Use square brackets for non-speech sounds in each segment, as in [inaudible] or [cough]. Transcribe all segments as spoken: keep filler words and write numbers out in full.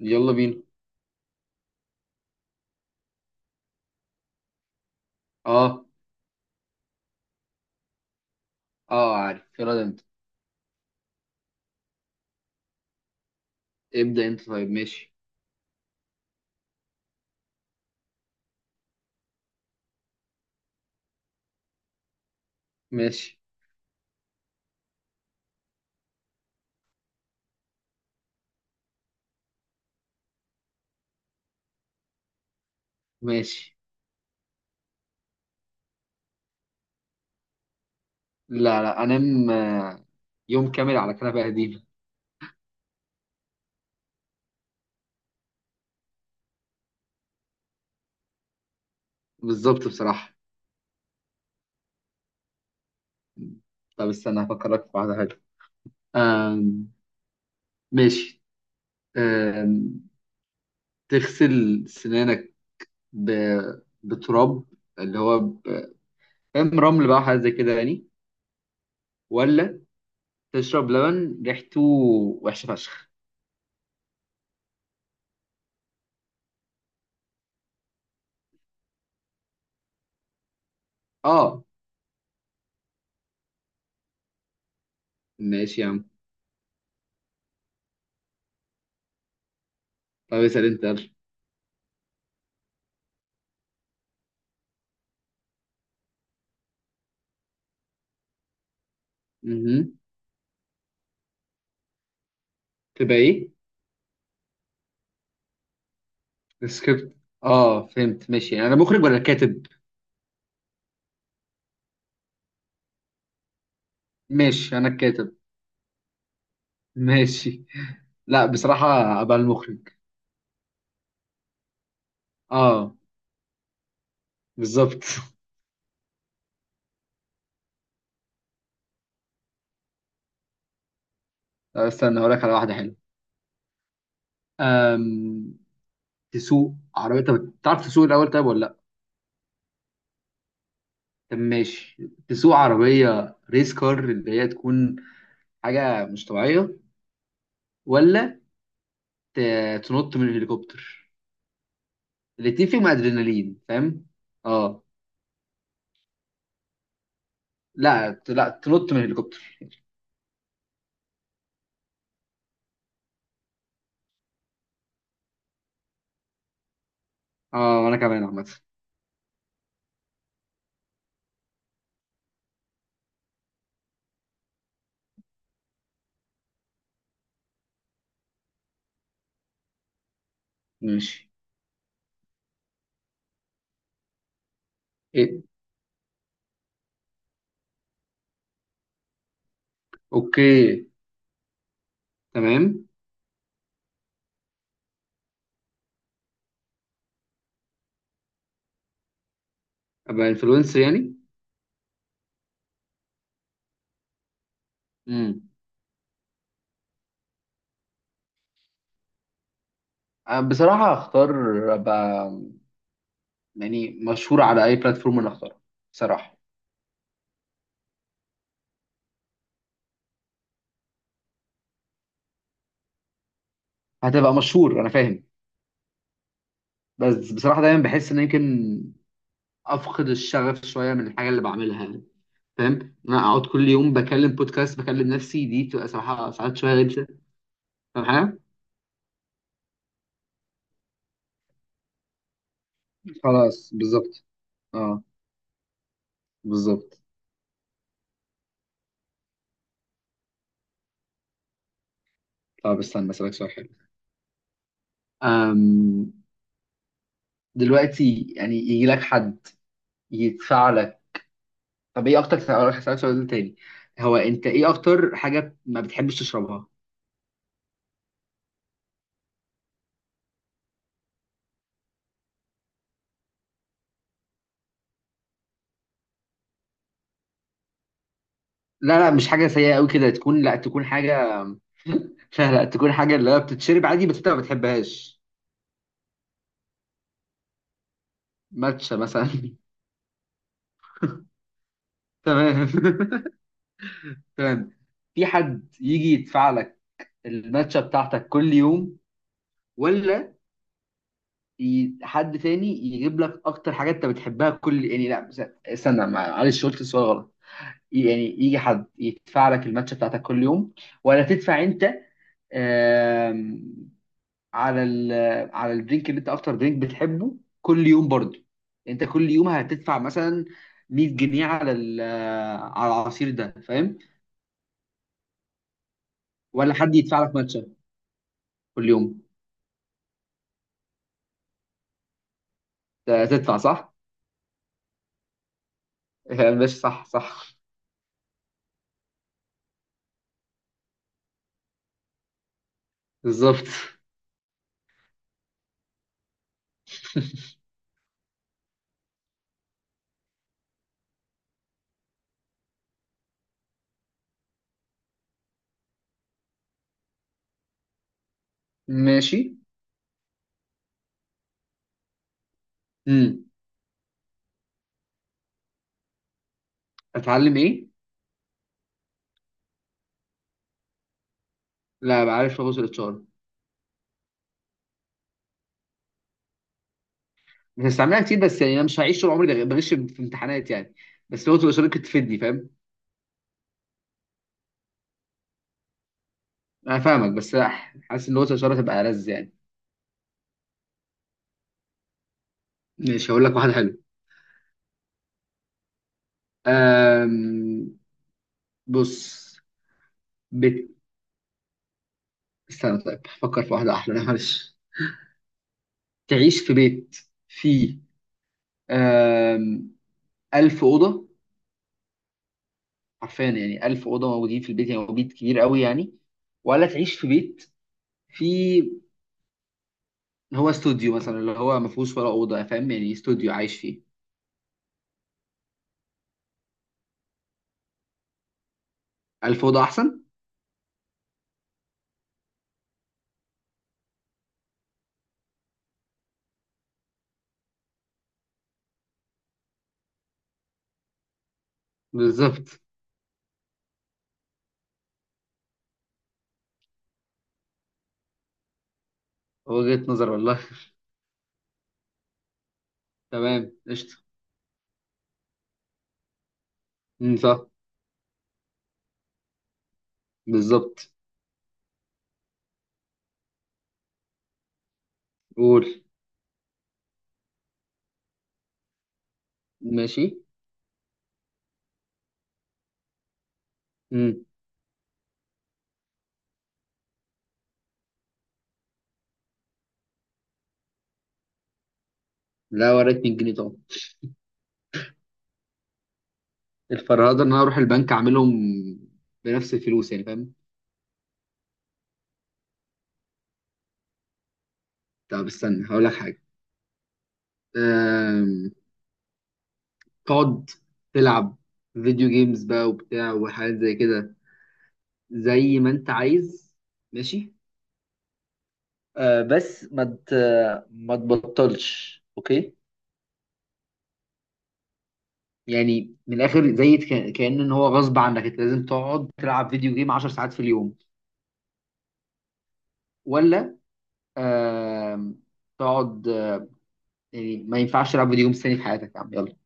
يلا بينا. اه، اه، عارف، يلا ده انت. ابدأ انت، طيب. ماشي، ماشي، ماشي. لا لا، انام. آه، يوم كامل على كنبة قديمة. بالظبط، بصراحة. طب استنى هفكرك في واحدة حلوة. آم، ماشي. آم، تغسل سنانك ب... بتراب، اللي هو ب... فاهم، رمل بقى حاجة زي كده يعني؟ ولا تشرب لبن ريحته وحشة فشخ؟ اه. ماشي يا عم. طب اسأل انت، يلا. مهم. تبقى ايه؟ السكريبت. اه، فهمت، ماشي. يعني انا مخرج ولا كاتب؟ ماشي، انا الكاتب. ماشي. لا، بصراحة ابقى المخرج. اه، بالظبط. [laughs] طب استنى هقول لك على واحدة حلوة. أم... تسوق عربية، طب تعرف تسوق الاول طيب ولا لا؟ طب ماشي، تسوق عربية ريس كار اللي هي تكون حاجة مش طبيعية، ولا ت... تنط من الهليكوبتر؟ الاتنين فيهم ادرينالين، فاهم. اه، لا لا تنط من الهليكوبتر. اه، انا كمان عامة. ماشي. إيه. اوكي، تمام. ابقى انفلونسر يعني. امم، بصراحة هختار ابقى يعني مشهور على اي بلاتفورم انا اختارها، بصراحة. هتبقى مشهور انا فاهم. بس بصراحه دايما بحس ان يمكن افقد الشغف شويه من الحاجه اللي بعملها يعني. فاهم إن انا اقعد كل يوم بكلم بودكاست بكلم نفسي، دي بتبقى صراحه ساعات شويه غلسه، فاهم حاجه. خلاص، بالظبط. اه، بالظبط. طب استنى اسألك سؤال حلو. أم، دلوقتي يعني يجي لك حد يدفع لك. طب ايه اكتر، هروح اسالك سؤال تاني. هو انت ايه اكتر حاجه ما بتحبش تشربها؟ لا لا، مش حاجه سيئه قوي كده تكون، لا تكون حاجه. [laughs] لا لا، تكون حاجه اللي هي بتتشرب عادي بس انت ما بتحبهاش. ماتشا مثلا. [laughs] تمام. [laughs] تمام. في حد يجي يدفع لك الماتشا بتاعتك كل يوم، ولا ي- حد تاني يجيب لك اكتر حاجه انت بتحبها كل يعني، لا بس- استنى معلش، قلت السؤال غلط. يعني يجي حد يدفع لك الماتش بتاعتك كل يوم ولا تدفع انت، آم، على ال، على الدرينك اللي انت اكتر درينك بتحبه كل يوم برضه. انت كل يوم هتدفع مثلا مية جنيه على ال-، على العصير ده، فاهم؟ ولا حد يدفع لك ماتشة كل يوم. ده تدفع صح. [laughs] ماشي، صح، صح. بالظبط. ماشي. امم. اتعلم ايه؟ لا، بعرف ابص الاتش ار. بستعملها كتير بس يعني انا مش هعيش طول عمري بغ- بغش في امتحانات يعني. بس لغه الاشاره ممكن تفيدني، فاهم. انا فاهمك بس أح- حاسس ان لغه الاشاره تبقى لذ يعني. ماشي، هقول لك واحده حلوه. أم... بص، بيت، استنى طيب، فكر في واحده احلى. لا، معلش. تعيش في بيت فيه أم... ألف أوضة، حرفيا يعني ألف أوضة موجودين في البيت، يعني هو بيت كبير قوي يعني. ولا تعيش في بيت فيه، هو استوديو مثلا اللي هو ما فيهوش ولا أوضة، فاهم يعني استوديو عايش فيه. ألف أوضة أحسن. بالظبط، وجهة نظر والله. تمام، قشطة. امم، صح. بالظبط. قول. ماشي. امم. لا، وريت مية جنيه طبعا. الفرهدة ان انا اروح البنك اعملهم بنفس الفلوس يعني، فاهم. طب استنى هقول لك حاجة. أم... تقعد تلعب فيديو جيمز بقى وبتاع وحاجات زي كده زي ما انت عايز، ماشي. أه بس ما مت... ما تبطلش، اوكي؟ يعني من الاخر، زي ك... كأن ان هو غصب عنك، انت لازم تقعد تلعب فيديو جيم عشر ساعات في اليوم، ولا آم، تقعد، آه، يعني ما ينفعش تلعب فيديو جيمز تاني في حياتك يا عم، يلا؟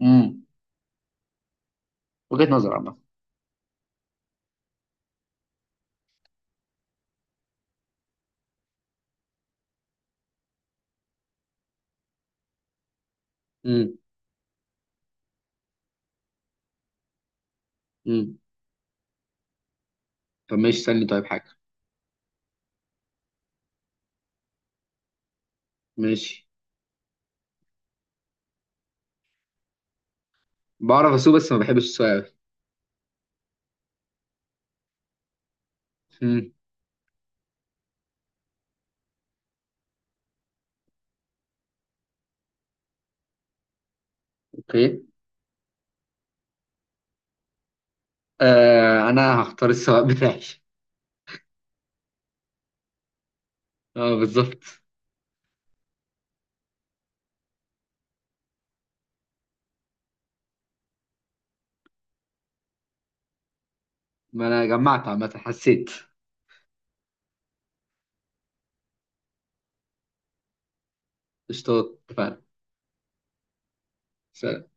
امم، وجهة نظر عامة. امم. امم. طب ماشي، سألني طيب حاجة. ماشي. بعرف اسوق بس ما بحبش السواقة أوي. امم. اوكي. آه، انا هختار السواق بتاعي. [laughs] اه، بالظبط. ما انا جمعت عامة، حسيت. قشطات، اتفقنا. سلام.